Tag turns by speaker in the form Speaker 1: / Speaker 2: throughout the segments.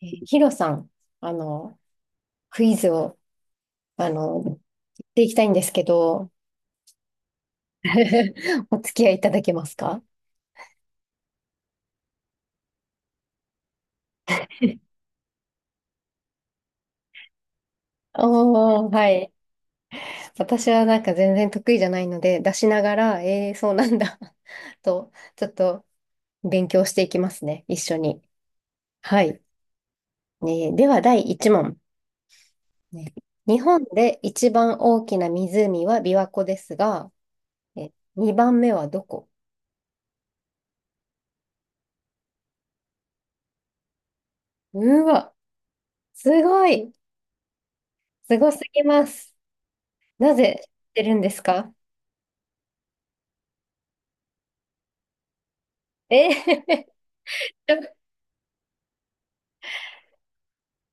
Speaker 1: ヒロさん、あの、クイズを、言っていきたいんですけど、お付き合いいただけますか？おー、はい。私はなんか全然得意じゃないので、出しながら、そうなんだ と、ちょっと勉強していきますね、一緒に。はい。ね、では、第1問。ね、日本で一番大きな湖は琵琶湖ですが、え、2番目はどこ？うわ、すごい、すごすぎます。なぜ知ってるんですか？えー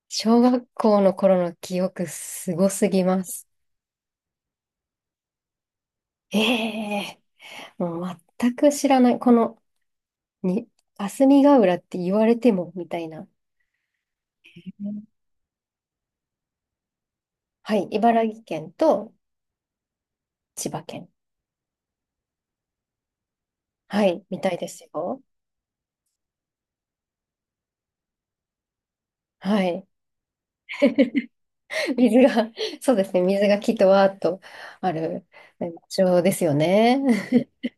Speaker 1: 小学校の頃の記憶すごすぎます。ええ、もう全く知らない。この、に、霞ヶ浦って言われても、みたいな。うん、はい、茨城県と千葉県。はい、みたいですよ。はい。水が、そうですね、水がきっとわーっとある場所ですよね。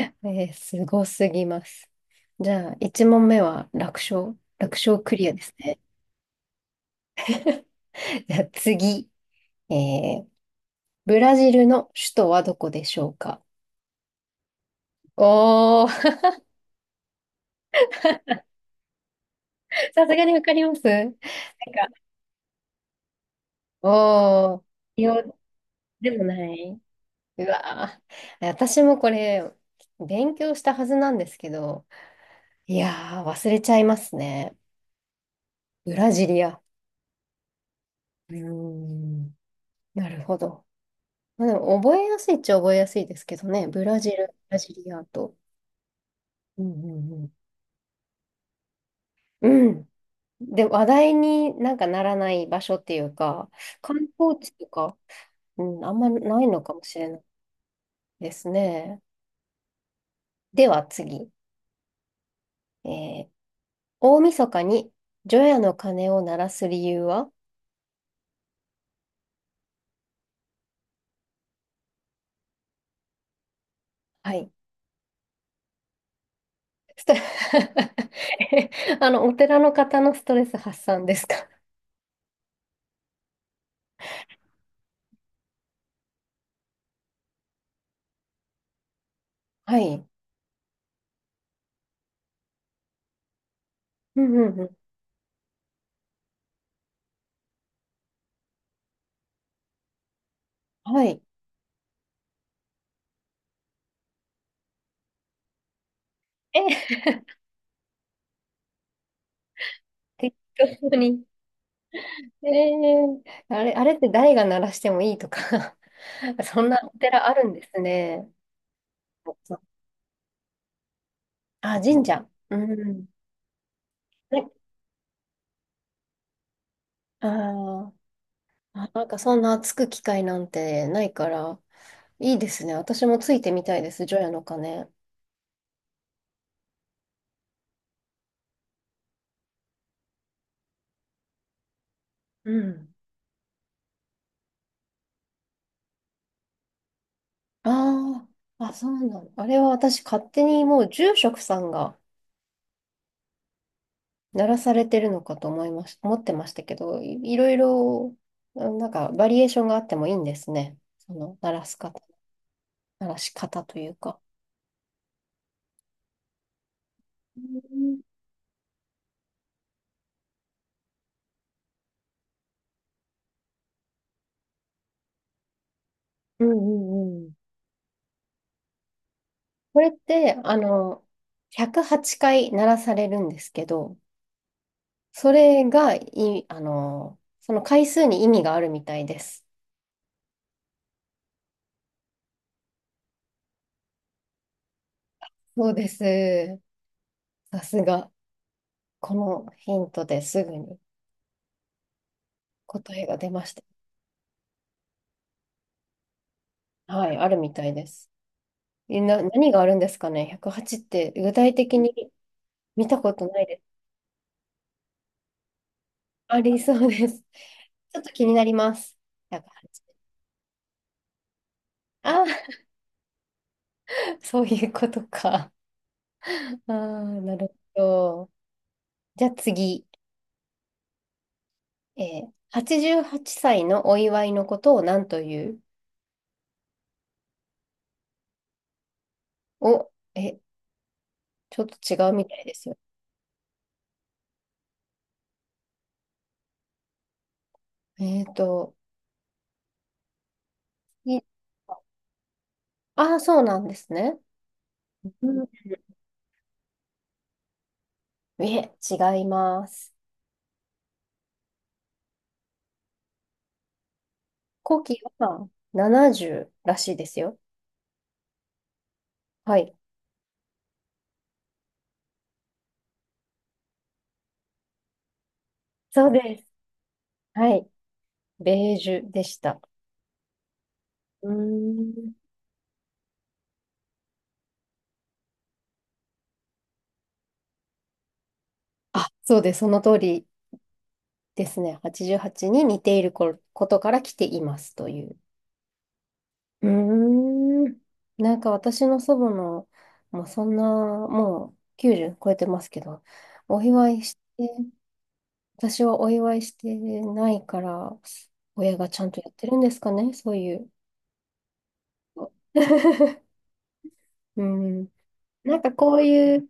Speaker 1: すごすぎます。じゃあ、1問目は楽勝楽勝クリアですね。じゃあ次、えー、ブラジルの首都はどこでしょうか？おー、さすがにわかります、なんか、おー、リオでもない。うわー、私もこれ、勉強したはずなんですけど、いやー、忘れちゃいますね。ブラジリア。うーん、なるほど。まあ、でも、覚えやすいっちゃ覚えやすいですけどね。ブラジル、ブラジリアと。うんうんうんうん。で、話題になんかならない場所っていうか、観光地とか、うん、あんまないのかもしれないですね。では次。えー、大晦日に除夜の鐘を鳴らす理由は？はい。スト えあの、お寺の方のストレス発散ですか？はい。うんうんうん。はい。え、適当に。えー、あれって誰が鳴らしてもいいとか そんなお寺あるんですね。あ、神社。うん。ね、あーあ、なんかそんなつく機会なんてないから、いいですね。私もついてみたいです、除夜の鐘。うん。ああ、あ、そうなの。あれは私勝手にもう住職さんが鳴らされてるのかと思ってましたけど、いろいろ、うん、なんかバリエーションがあってもいいんですね。その鳴らす方、鳴らし方というか。うんうんうん。これって、108回鳴らされるんですけど、それがその回数に意味があるみたいです。そうです。さすが。このヒントですぐに答えが出ました。はい、あるみたいです。何があるんですかね？ 108 って具体的に見たことないです。ありそうです。ちょっと気になります。1 0ああ、そういうことか。ああ、なるほど。じゃあ次。88歳のお祝いのことを何という？お、ちょっと違うみたいですよ。えっと、いああ、そうなんですね。うん、いえ、違います。古希は70らしいですよ。はい。そうです。はい。ベージュでした。うーん。あ、そうです。その通りですね。88に似ているこことから来ていますという。うーん。なんか私の祖母の、もうそんな、もう90超えてますけど、お祝いして、私はお祝いしてないから、親がちゃんとやってるんですかね、そういう。うん。なんかこういう、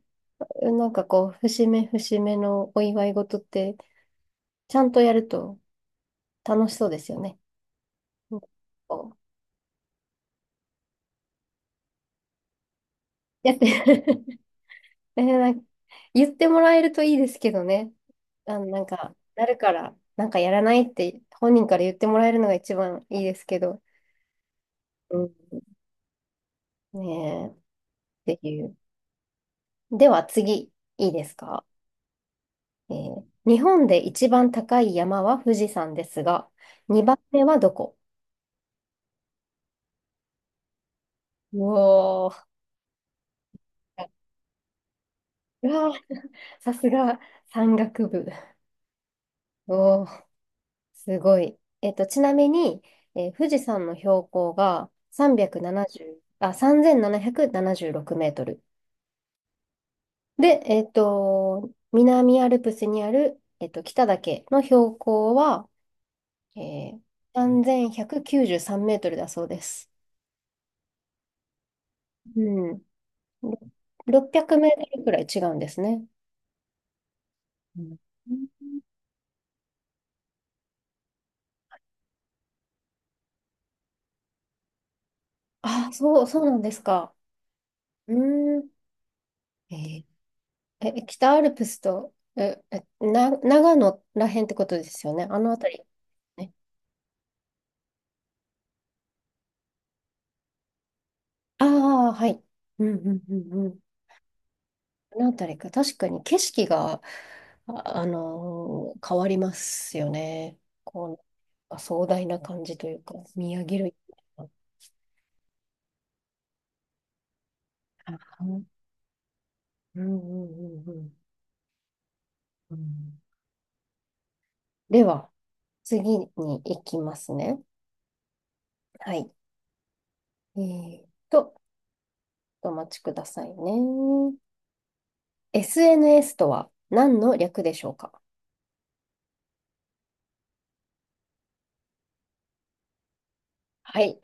Speaker 1: なんかこう、節目節目のお祝い事って、ちゃんとやると楽しそうですよね。こうやってなんか言ってもらえるといいですけどね。なんか、なるから、なんかやらないって本人から言ってもらえるのが一番いいですけど。うん、ねえ、っていう。では次、いいですか、日本で一番高い山は富士山ですが、2番目はどこ？おおー、うわー、さすが山岳部。お、すごい。ちなみに、富士山の標高が370、あ、3776メートル。で、南アルプスにある、北岳の標高は、えー、3193メートルだそうです。うん。600メートルくらい違うんですね。うん、あ、そうなんですか。うーん。えーえ、北アルプスと、長野らへんってことですよね。あの辺り。ね。ああ、はい。うんうんうんうん。あの辺りか。確かに景色が、変わりますよね。こう、壮大な感じというか、見上げる。あ、うんうんうんうんうん。では、次に行きますね。はい。えーっと、お待ちくださいね。SNS とは何の略でしょうか？はい。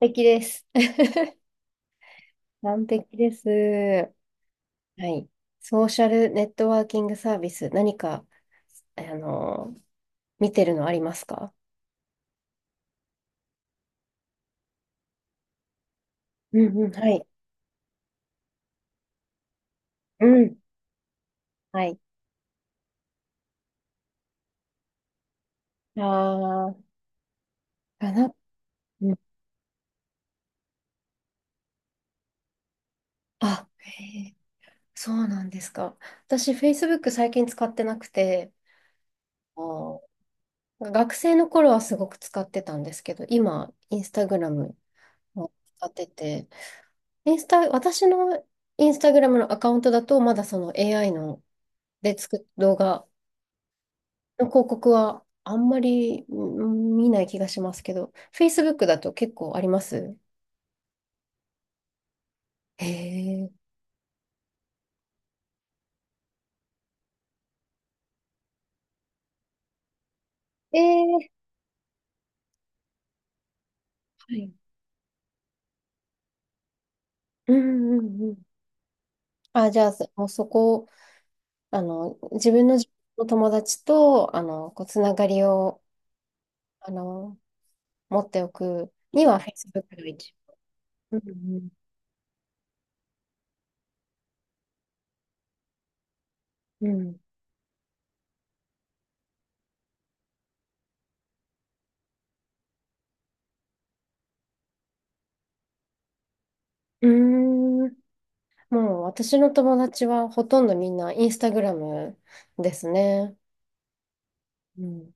Speaker 1: 完璧です。完璧です。はい。ソーシャルネットワーキングサービス、何か、あの、見てるのありますか？うんうん、はい。うん。はい。あー、かな。うん、あ、へー、そうなんですか。私、Facebook 最近使ってなくて、あー、学生の頃はすごく使ってたんですけど、今、Instagram も使ってて、インスタ、私のインスタグラムのアカウントだと、まだその AI ので作る動画の広告はあんまり、うん、見ない気がしますけど、Facebook だと結構あります？へえ。ええ、はい。うんうんうん。あ、じゃあ、そもうそこ、自分の友達と、こう、つながりを、あの、持っておくには Facebook が一番。うんうん。うん。うーん、もう私の友達はほとんどみんなインスタグラムですね。うん